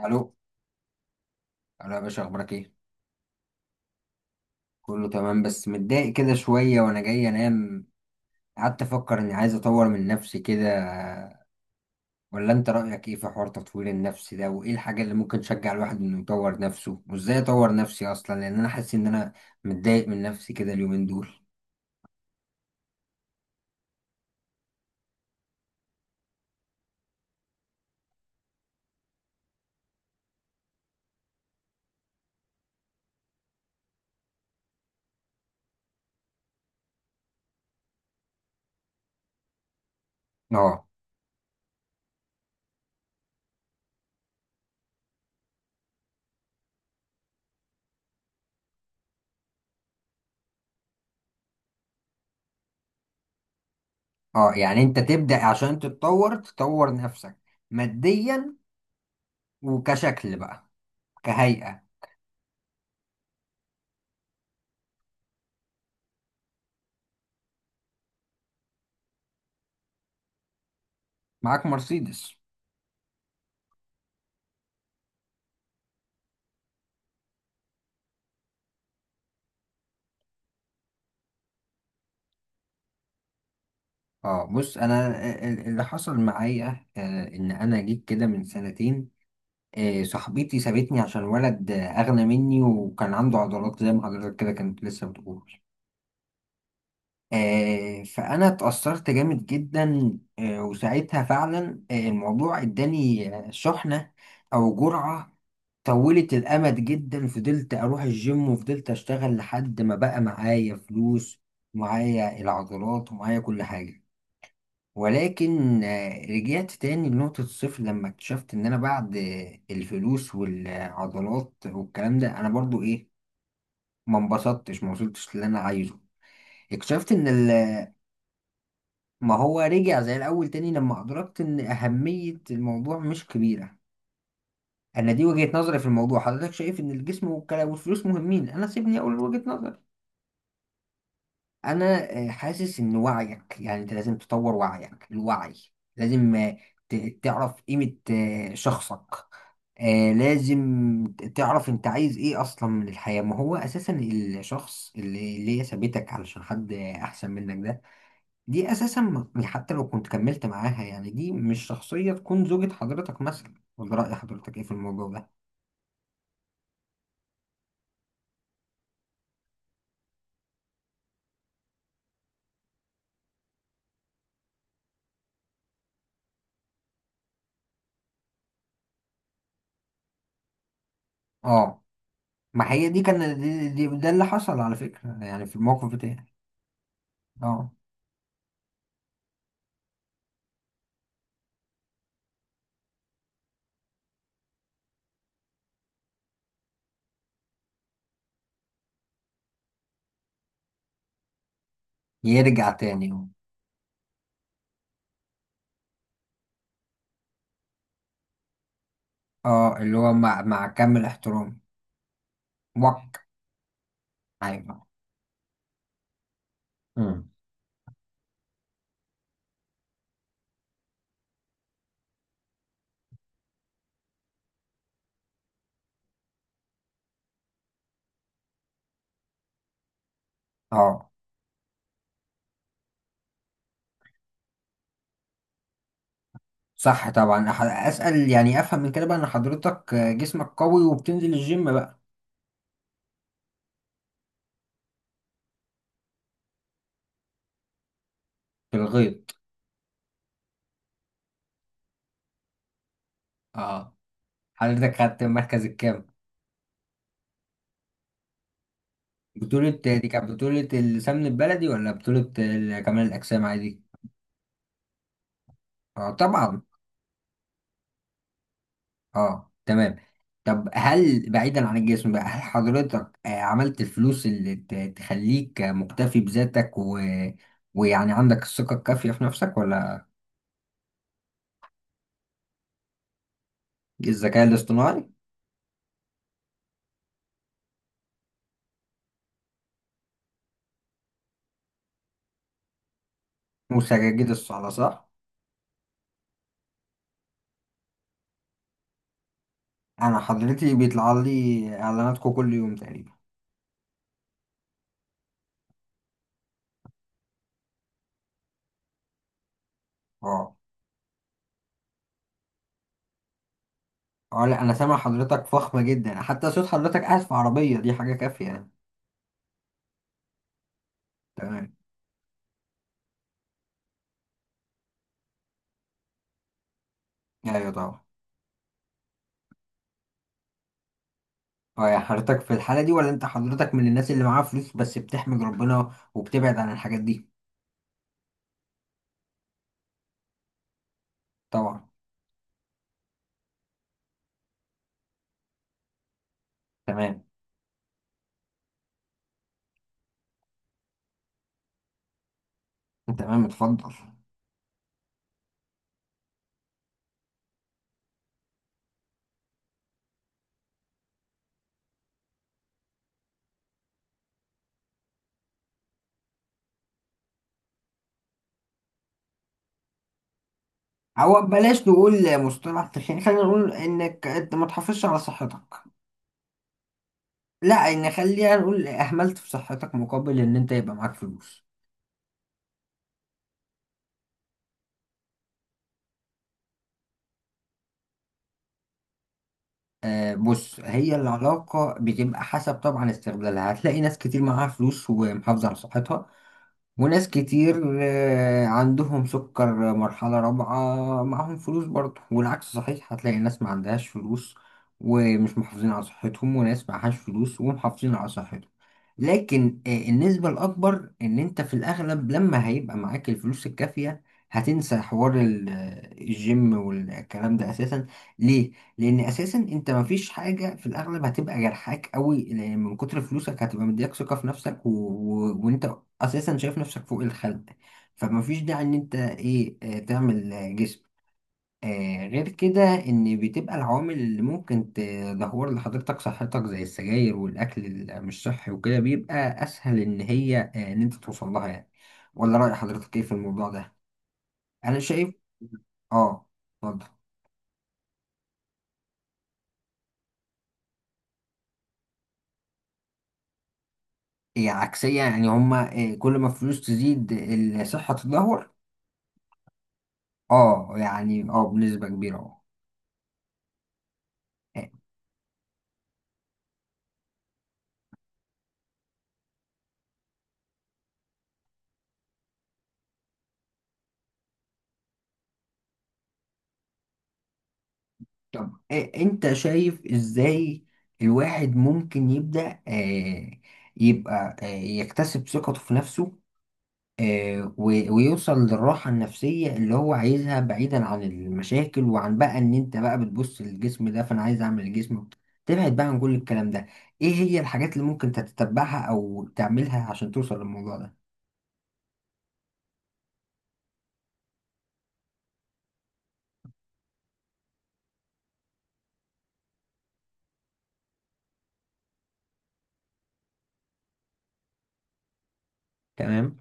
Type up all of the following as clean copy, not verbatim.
الو، الو يا باشا، اخبارك ايه؟ كله تمام، بس متضايق كده شويه وانا جاي انام. قعدت افكر اني عايز اطور من نفسي كده. ولا انت رايك ايه في حوار تطوير النفس ده، وايه الحاجه اللي ممكن تشجع الواحد انه يطور نفسه، وازاي اطور نفسي اصلا؟ لان انا حاسس ان انا متضايق من نفسي كده اليومين دول. اه، اه، يعني انت تبدا عشان تتطور تطور نفسك ماديا وكشكل بقى كهيئه. معاك مرسيدس. اه، بص انا اللي حصل معايا ان انا جيت كده من سنتين. صاحبتي سابتني عشان ولد اغنى مني وكان عنده عضلات زي ما حضرتك كده كانت لسه بتقول. فانا اتأثرت جامد جدا. وساعتها فعلا الموضوع اداني شحنة او جرعة. طولت الامد جدا، فضلت اروح الجيم وفضلت اشتغل لحد ما بقى معايا فلوس، معايا العضلات ومعايا كل حاجة. ولكن رجعت تاني لنقطة الصفر لما اكتشفت إن أنا بعد الفلوس والعضلات والكلام ده أنا برضو إيه، ما انبسطتش، ما وصلتش للي أنا عايزه. اكتشفت إن ما هو رجع زي الأول تاني لما أدركت إن أهمية الموضوع مش كبيرة. أنا دي وجهة نظري في الموضوع. حضرتك شايف إن الجسم والكلام والفلوس مهمين؟ أنا سيبني أقول وجهة نظري. انا حاسس ان وعيك، يعني انت لازم تطور وعيك. الوعي لازم تعرف قيمة شخصك. لازم تعرف انت عايز ايه اصلا من الحياة. ما هو اساسا الشخص اللي هي سابتك علشان حد احسن منك ده، دي اساسا حتى لو كنت كملت معاها، يعني دي مش شخصية تكون زوجة حضرتك مثلا. ولا رأي حضرتك ايه في الموضوع ده؟ اه، ما هي دي كان ده اللي حصل على فكرة يعني في الموقف بتاعي. اه، يرجع تاني. اه، اللي هو مع كامل احترامي. وك ايوه. مم. اه، صح طبعا. اسال يعني، افهم من كده بقى ان حضرتك جسمك قوي وبتنزل الجيم بقى؟ في الغيط. اه. حضرتك خدت المركز الكام؟ بطولة دي كانت بطولة السمن البلدي، ولا بطولة كمال الأجسام عادي؟ اه طبعا. اه تمام. طب هل بعيدا عن الجسم بقى، هل حضرتك عملت الفلوس اللي تخليك مكتفي بذاتك ويعني عندك الثقة الكافية في نفسك، ولا؟ الذكاء الاصطناعي. وسجاجيد الصلاة، صح؟ أنا حضرتي بيطلع لي إعلاناتكم كل يوم تقريبا. أه، أه، لا أنا سامع حضرتك فخمة جدا، حتى صوت حضرتك قاعد في عربية دي حاجة كافية يعني. تمام. أيوة طبعا. أه يا حضرتك، في الحالة دي، ولا أنت حضرتك من الناس اللي معاها فلوس بس بتحمد ربنا وبتبعد عن الحاجات دي؟ طبعا. تمام. تمام، اتفضل. أو بلاش نقول مصطلح تخين، خلينا نقول إنك أنت ما تحافظش على صحتك. لا يعني خلينا نقول اهملت في صحتك مقابل ان انت يبقى معاك فلوس. آه، بص، هي العلاقة بتبقى حسب طبعا استغلالها. هتلاقي ناس كتير معاها فلوس ومحافظة على صحتها، وناس كتير عندهم سكر مرحلة رابعة معاهم فلوس برضه. والعكس صحيح، هتلاقي ناس ما عندهاش فلوس ومش محافظين على صحتهم، وناس معهاش فلوس ومحافظين على صحتهم. لكن النسبة الأكبر إن أنت في الأغلب لما هيبقى معاك الفلوس الكافية هتنسى حوار الجيم والكلام ده أساسا. ليه؟ لأن أساسا أنت مفيش حاجة في الأغلب هتبقى جرحاك قوي، لأن من كتر فلوسك هتبقى مديك ثقة في نفسك، وأنت اساسا شايف نفسك فوق الخلق. فمفيش داعي ان انت ايه، تعمل جسم. آه، غير كده، ان بتبقى العوامل اللي ممكن تدهور لحضرتك صحتك زي السجاير والاكل اللي مش صحي وكده بيبقى اسهل ان هي، آه، ان انت توصل لها يعني. ولا رأي حضرتك ايه في الموضوع ده؟ انا شايف. اه، اتفضل. هي عكسية، يعني هما كل ما الفلوس تزيد الصحة تتدهور. اه، يعني اه، بنسبة كبيرة. اه. طب انت شايف ازاي الواحد ممكن يبدأ يبقى يكتسب ثقته في نفسه، ويوصل للراحة النفسية اللي هو عايزها، بعيدا عن المشاكل وعن بقى ان انت بقى بتبص للجسم ده فانا عايز اعمل الجسم؟ تبعد بقى عن كل الكلام ده. ايه هي الحاجات اللي ممكن تتبعها او تعملها عشان توصل للموضوع ده؟ تمام.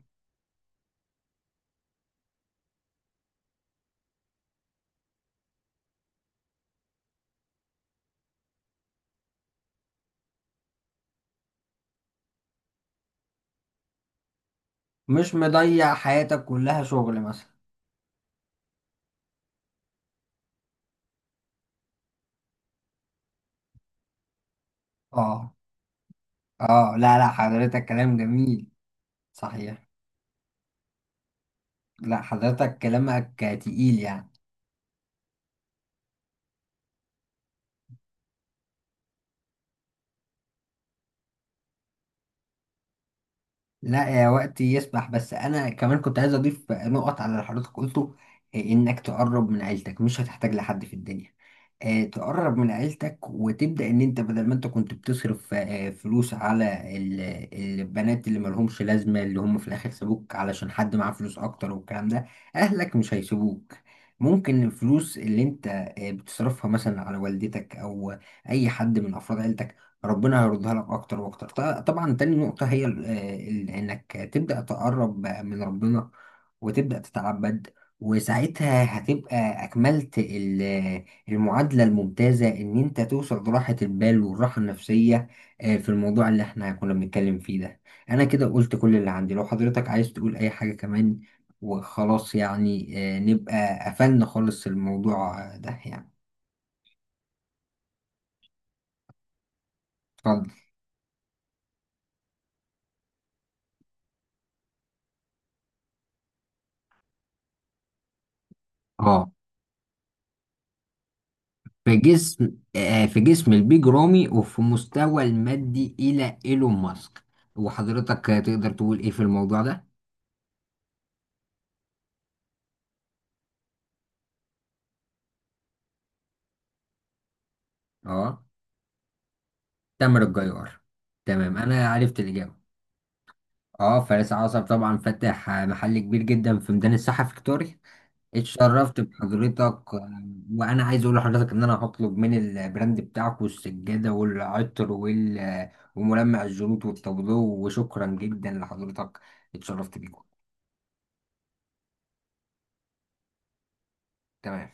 مش مضيع حياتك كلها شغل مثلا. اه. اه، لا، لا حضرتك، كلام جميل. صحيح. لا حضرتك كلامك تقيل يعني. لا يا، وقتي يسمح، بس انا كمان كنت عايز اضيف نقط على اللي حضرتك قلته. إيه، انك تقرب من عيلتك مش هتحتاج لحد في الدنيا. تقرب من عيلتك وتبدأ ان انت بدل ما انت كنت بتصرف فلوس على البنات اللي ملهمش لازمة، اللي هم في الاخر سابوك علشان حد معاه فلوس اكتر والكلام ده، اهلك مش هيسيبوك. ممكن الفلوس اللي انت بتصرفها مثلا على والدتك او اي حد من افراد عيلتك ربنا هيردها لك اكتر واكتر. طبعا تاني نقطة هي انك تبدأ تقرب من ربنا وتبدأ تتعبد، وساعتها هتبقى اكملت المعادلة الممتازة إن أنت توصل لراحة البال والراحة النفسية في الموضوع اللي إحنا كنا بنتكلم فيه ده. أنا كده قلت كل اللي عندي، لو حضرتك عايز تقول أي حاجة كمان، وخلاص يعني نبقى قفلنا خالص الموضوع ده يعني. اتفضل. اه، في جسم البيج رامي، وفي مستوى المادي إلى إيلون ماسك. وحضرتك تقدر تقول إيه في الموضوع ده؟ اه، تامر الجيار. تمام، أنا عرفت الإجابة. اه، فارس عصر طبعا، فاتح محل كبير جدا في ميدان الساحة فيكتوريا. اتشرفت بحضرتك. آه، وانا عايز اقول لحضرتك ان انا هطلب من البراند بتاعك، والسجادة والعطر وال آه، وملمع الجلوط والتابلو. وشكرا جدا لحضرتك. اتشرفت بيكم. تمام.